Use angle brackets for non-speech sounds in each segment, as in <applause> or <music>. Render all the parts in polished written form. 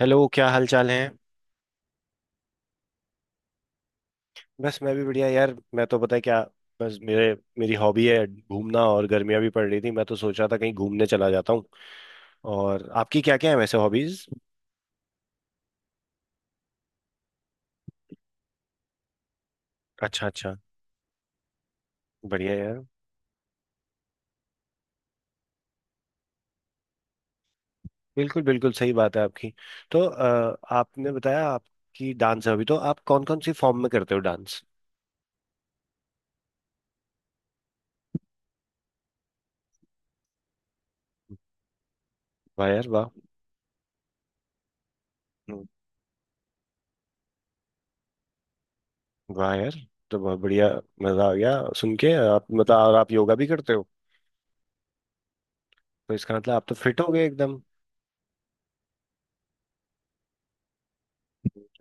Hello, क्या हाल चाल है। बस मैं भी बढ़िया यार। मैं तो पता है क्या, बस मेरे मेरी हॉबी है घूमना, और गर्मियाँ भी पड़ रही थी, मैं तो सोच रहा था कहीं घूमने चला जाता हूँ। और आपकी क्या क्या है वैसे हॉबीज? अच्छा अच्छा। बढ़िया यार। बिल्कुल बिल्कुल, सही बात है आपकी। तो आपने बताया आपकी डांस है, अभी तो आप कौन कौन सी फॉर्म में करते हो डांस? वाह यार वाह। हम्म। वाह यार। तो बहुत बढ़िया, मजा आ गया सुन के आप, मतलब, और आप योगा भी करते हो? तो इसका मतलब आप तो फिट हो गए एकदम।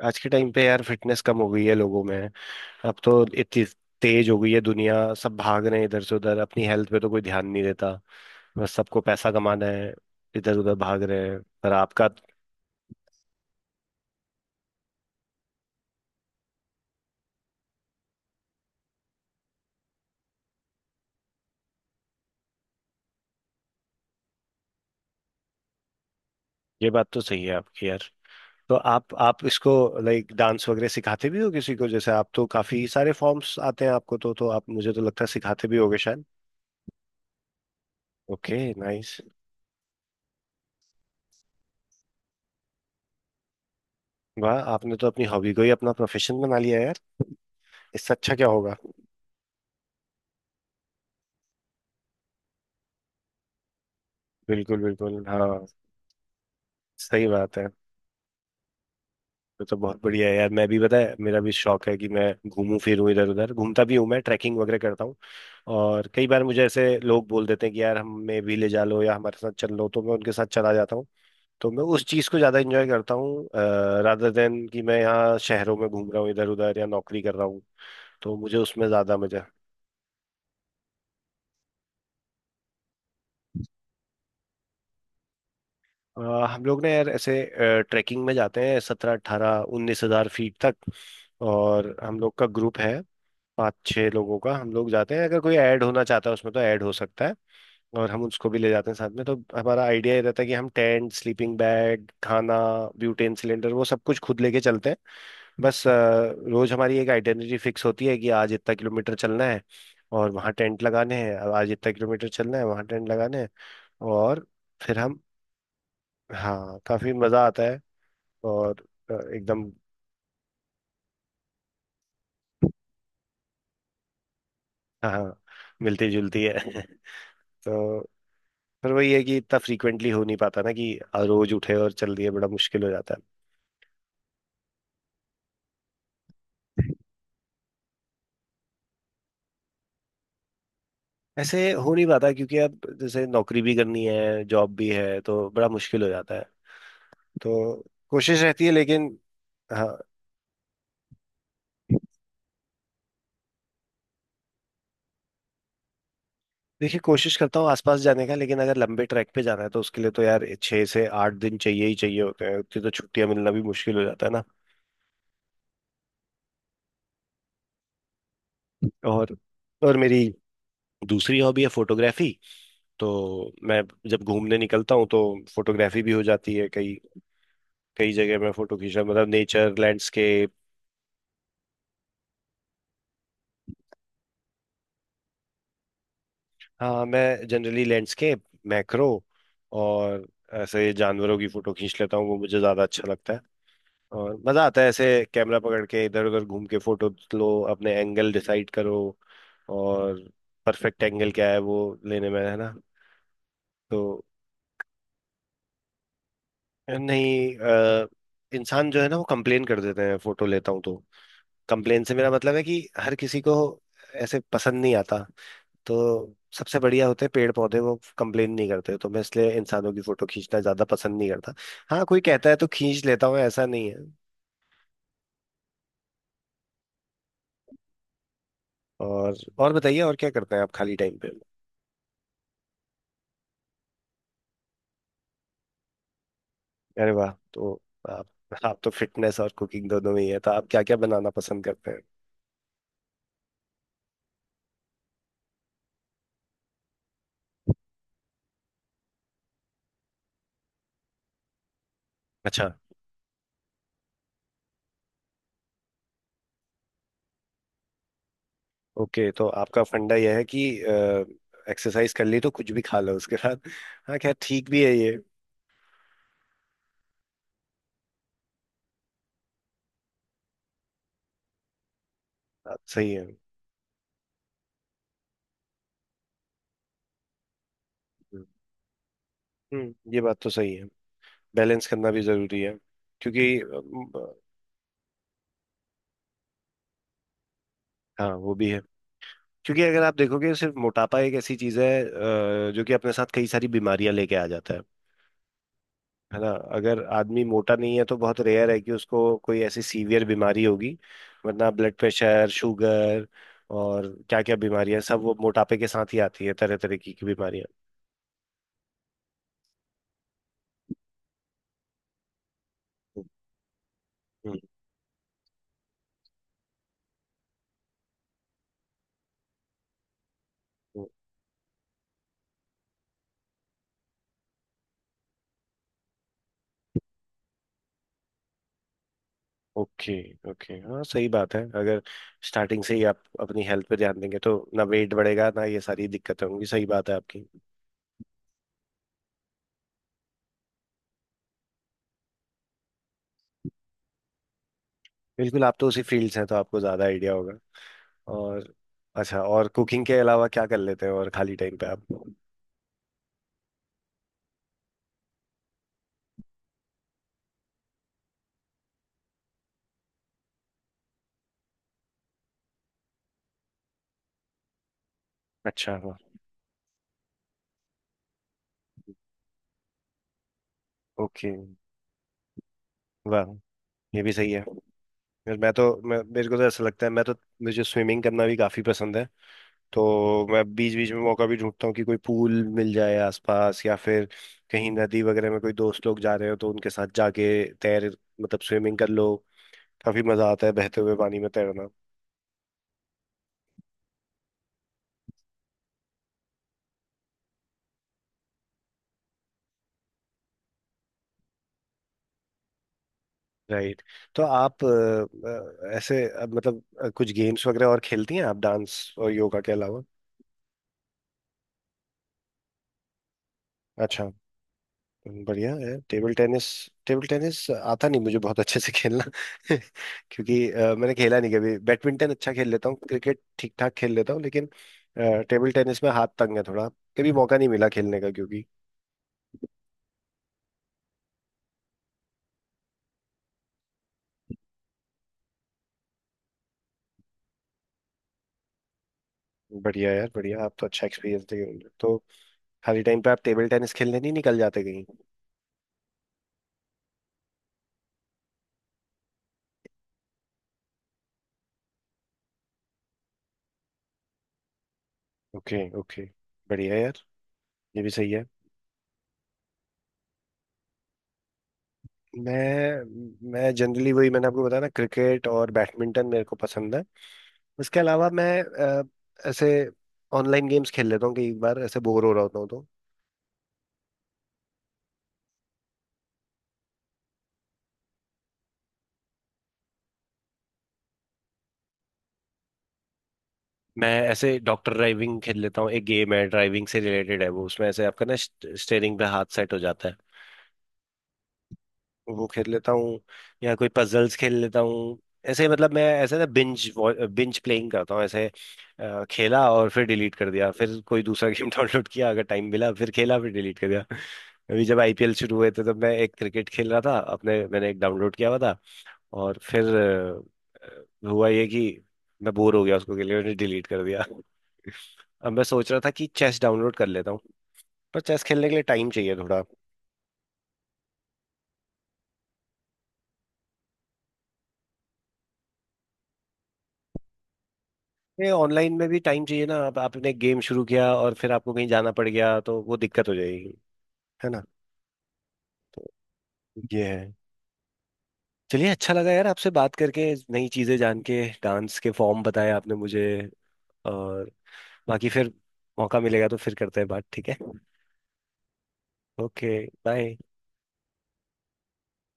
आज के टाइम पे यार फिटनेस कम हो गई है लोगों में। अब तो इतनी तेज हो गई है दुनिया, सब भाग रहे हैं इधर से उधर, अपनी हेल्थ पे तो कोई ध्यान नहीं देता, बस सबको पैसा कमाना है, इधर उधर भाग रहे हैं। पर आपका, ये बात तो सही है आपकी यार। तो आप इसको, लाइक, डांस वगैरह सिखाते भी हो किसी को? जैसे आप तो काफी सारे फॉर्म्स आते हैं आपको, तो आप मुझे तो लगता है सिखाते भी होगे शायद। Okay, nice. वाह, आपने तो अपनी हॉबी को ही अपना प्रोफेशन बना लिया यार, इससे अच्छा क्या होगा। बिल्कुल बिल्कुल, हाँ। सही बात है। तो बहुत बढ़िया है यार। मैं भी, पता है, मेरा भी शौक है कि मैं घूमूं फिरूं इधर उधर, घूमता भी हूं मैं, ट्रैकिंग वगैरह करता हूँ। और कई बार मुझे ऐसे लोग बोल देते हैं कि यार हमें भी ले जा लो या हमारे साथ चल लो, तो मैं उनके साथ चला जाता हूँ। तो मैं उस चीज़ को ज़्यादा इंजॉय करता हूँ, रादर देन कि मैं यहाँ शहरों में घूम रहा हूँ इधर उधर या नौकरी कर रहा हूँ। तो मुझे उसमें ज़्यादा मज़ा है। हम लोग ना यार, ऐसे ट्रैकिंग में जाते हैं 17, 18, 19 हज़ार फीट तक। और हम लोग का ग्रुप है पाँच छः लोगों का, हम लोग जाते हैं। अगर कोई ऐड होना चाहता है उसमें तो ऐड हो सकता है, और हम उसको भी ले जाते हैं साथ में। तो हमारा आइडिया ये रहता है कि हम टेंट, स्लीपिंग बैग, खाना, ब्यूटेन सिलेंडर, वो सब कुछ खुद लेके चलते हैं। बस रोज हमारी एक आइडेंटिटी फिक्स होती है कि आज इतना किलोमीटर चलना है और वहाँ टेंट लगाने हैं। अब आज इतना किलोमीटर चलना है, वहाँ टेंट लगाने हैं। और फिर हम, हाँ काफी मजा आता है। और एकदम, हाँ, मिलती जुलती है <laughs> तो पर वही है कि इतना फ्रीक्वेंटली हो नहीं पाता ना, कि रोज उठे और चल दिए, बड़ा मुश्किल हो जाता है। ऐसे हो नहीं पाता क्योंकि अब जैसे नौकरी भी करनी है, जॉब भी है, तो बड़ा मुश्किल हो जाता है, तो कोशिश रहती है लेकिन। हाँ। देखिए, कोशिश करता हूँ आसपास जाने का, लेकिन अगर लंबे ट्रैक पे जाना है तो उसके लिए तो यार 6 से 8 दिन चाहिए ही चाहिए होते हैं, उतनी तो छुट्टियां मिलना भी मुश्किल हो जाता है ना। और मेरी दूसरी हॉबी है फोटोग्राफी, तो मैं जब घूमने निकलता हूँ तो फोटोग्राफी भी हो जाती है। कई कई जगह मैं फोटो खींच रहा, मतलब नेचर, लैंडस्केप। हाँ, मैं जनरली लैंडस्केप, मैक्रो, और ऐसे जानवरों की फोटो खींच लेता हूँ, वो मुझे ज्यादा अच्छा लगता है। और मजा आता है ऐसे कैमरा पकड़ के इधर उधर घूम के, फोटो लो, अपने एंगल डिसाइड करो, और परफेक्ट एंगल क्या है वो लेने में, है ना? तो नहीं, इंसान जो है ना, वो कंप्लेन कर देते हैं फोटो लेता हूँ तो। कंप्लेन से मेरा मतलब है कि हर किसी को ऐसे पसंद नहीं आता। तो सबसे बढ़िया होते हैं पेड़ पौधे, वो कंप्लेन नहीं करते। तो मैं इसलिए इंसानों की फोटो खींचना ज्यादा पसंद नहीं करता। हाँ, कोई कहता है तो खींच लेता हूँ, ऐसा नहीं है। और बताइए, और क्या करते हैं आप खाली टाइम पे? अरे वाह! तो आप आप तो फिटनेस और कुकिंग दोनों में ही है, तो आप क्या क्या बनाना पसंद करते हैं? अच्छा। ओके, तो आपका फंडा यह है कि एक्सरसाइज कर ली तो कुछ भी खा लो उसके साथ। हाँ, खैर ठीक भी है ये। बात सही है। हम्म, ये बात तो सही है, बैलेंस करना भी जरूरी है क्योंकि, हाँ वो भी है। क्योंकि अगर आप देखोगे, सिर्फ मोटापा एक ऐसी चीज है जो कि अपने साथ कई सारी बीमारियां लेके आ जाता है ना? अगर आदमी मोटा नहीं है तो बहुत रेयर है कि उसको कोई ऐसी सीवियर बीमारी होगी, वरना ब्लड प्रेशर, शुगर और क्या क्या बीमारियां, सब वो मोटापे के साथ ही आती है, तरह तरह की बीमारियां। हम्म। हम्म। हम्म। ओके ओके, हाँ सही बात है। अगर स्टार्टिंग से ही आप अपनी हेल्थ पे ध्यान देंगे तो ना वेट बढ़ेगा, ना ये सारी दिक्कतें होंगी। सही बात है आपकी। बिल्कुल, आप तो उसी फील्ड से हैं तो आपको ज्यादा आइडिया होगा। और अच्छा, और कुकिंग के अलावा क्या कर लेते हो और खाली टाइम पे आप? अच्छा वाह। ओके वाह, ये भी सही है। फिर मैं तो, मैं मेरे को तो ऐसा लगता है, मैं तो मुझे स्विमिंग करना भी काफ़ी पसंद है। तो मैं बीच बीच में मौका भी ढूंढता हूँ कि कोई पूल मिल जाए आसपास, या फिर कहीं नदी वगैरह में कोई दोस्त लोग जा रहे हो तो उनके साथ जाके तैर, मतलब स्विमिंग कर लो। काफ़ी मज़ा आता है बहते हुए पानी में तैरना। राइट। तो आप ऐसे, मतलब, कुछ गेम्स वगैरह और खेलती हैं आप डांस और योगा के अलावा? अच्छा, बढ़िया है टेबल टेनिस। टेबल टेनिस आता नहीं मुझे बहुत अच्छे से खेलना <laughs> क्योंकि मैंने खेला नहीं कभी। बैडमिंटन अच्छा खेल लेता हूँ, क्रिकेट ठीक ठाक खेल लेता हूँ, लेकिन टेबल टेनिस में हाथ तंग है थोड़ा, कभी मौका नहीं मिला खेलने का क्योंकि। बढ़िया यार बढ़िया, आप तो अच्छा एक्सपीरियंस दे रहे हो। तो खाली टाइम पे आप टेबल टेनिस खेलने नहीं निकल जाते कहीं? ओके ओके, बढ़िया यार, ये भी सही है। मैं जनरली वही, मैंने आपको बताया ना, क्रिकेट और बैडमिंटन मेरे को पसंद है। इसके अलावा मैं ऐसे ऑनलाइन गेम्स खेल लेता हूँ कई बार, ऐसे बोर हो रहा होता हूँ तो। मैं ऐसे डॉक्टर ड्राइविंग खेल लेता हूँ, एक गेम है ड्राइविंग से रिलेटेड है वो, उसमें ऐसे आपका ना स्टेयरिंग पे हाथ सेट हो जाता है, वो खेल लेता हूँ। या कोई पजल्स खेल लेता हूँ। ऐसे मतलब मैं ऐसे ना बिंज बिंज प्लेइंग करता हूँ ऐसे, खेला और फिर डिलीट कर दिया, फिर कोई दूसरा गेम डाउनलोड <laughs> किया, अगर टाइम मिला फिर खेला, फिर डिलीट कर दिया। अभी जब आईपीएल शुरू हुए थे तब मैं एक क्रिकेट खेल रहा था, अपने मैंने एक डाउनलोड किया हुआ था। और फिर हुआ ये कि मैं बोर हो गया उसको, के लिए मैंने डिलीट कर दिया। अब मैं सोच रहा था कि चेस डाउनलोड कर लेता हूँ, पर चेस खेलने के लिए टाइम चाहिए थोड़ा। ये ऑनलाइन में भी टाइम चाहिए ना, अब आपने गेम शुरू किया और फिर आपको कहीं जाना पड़ गया तो वो दिक्कत हो जाएगी, है ना? तो ये है। चलिए, अच्छा लगा यार आपसे बात करके, नई चीजें जान के, डांस के फॉर्म बताए आपने मुझे। और बाकी, फिर मौका मिलेगा तो फिर करते हैं बात, ठीक है? Okay, bye.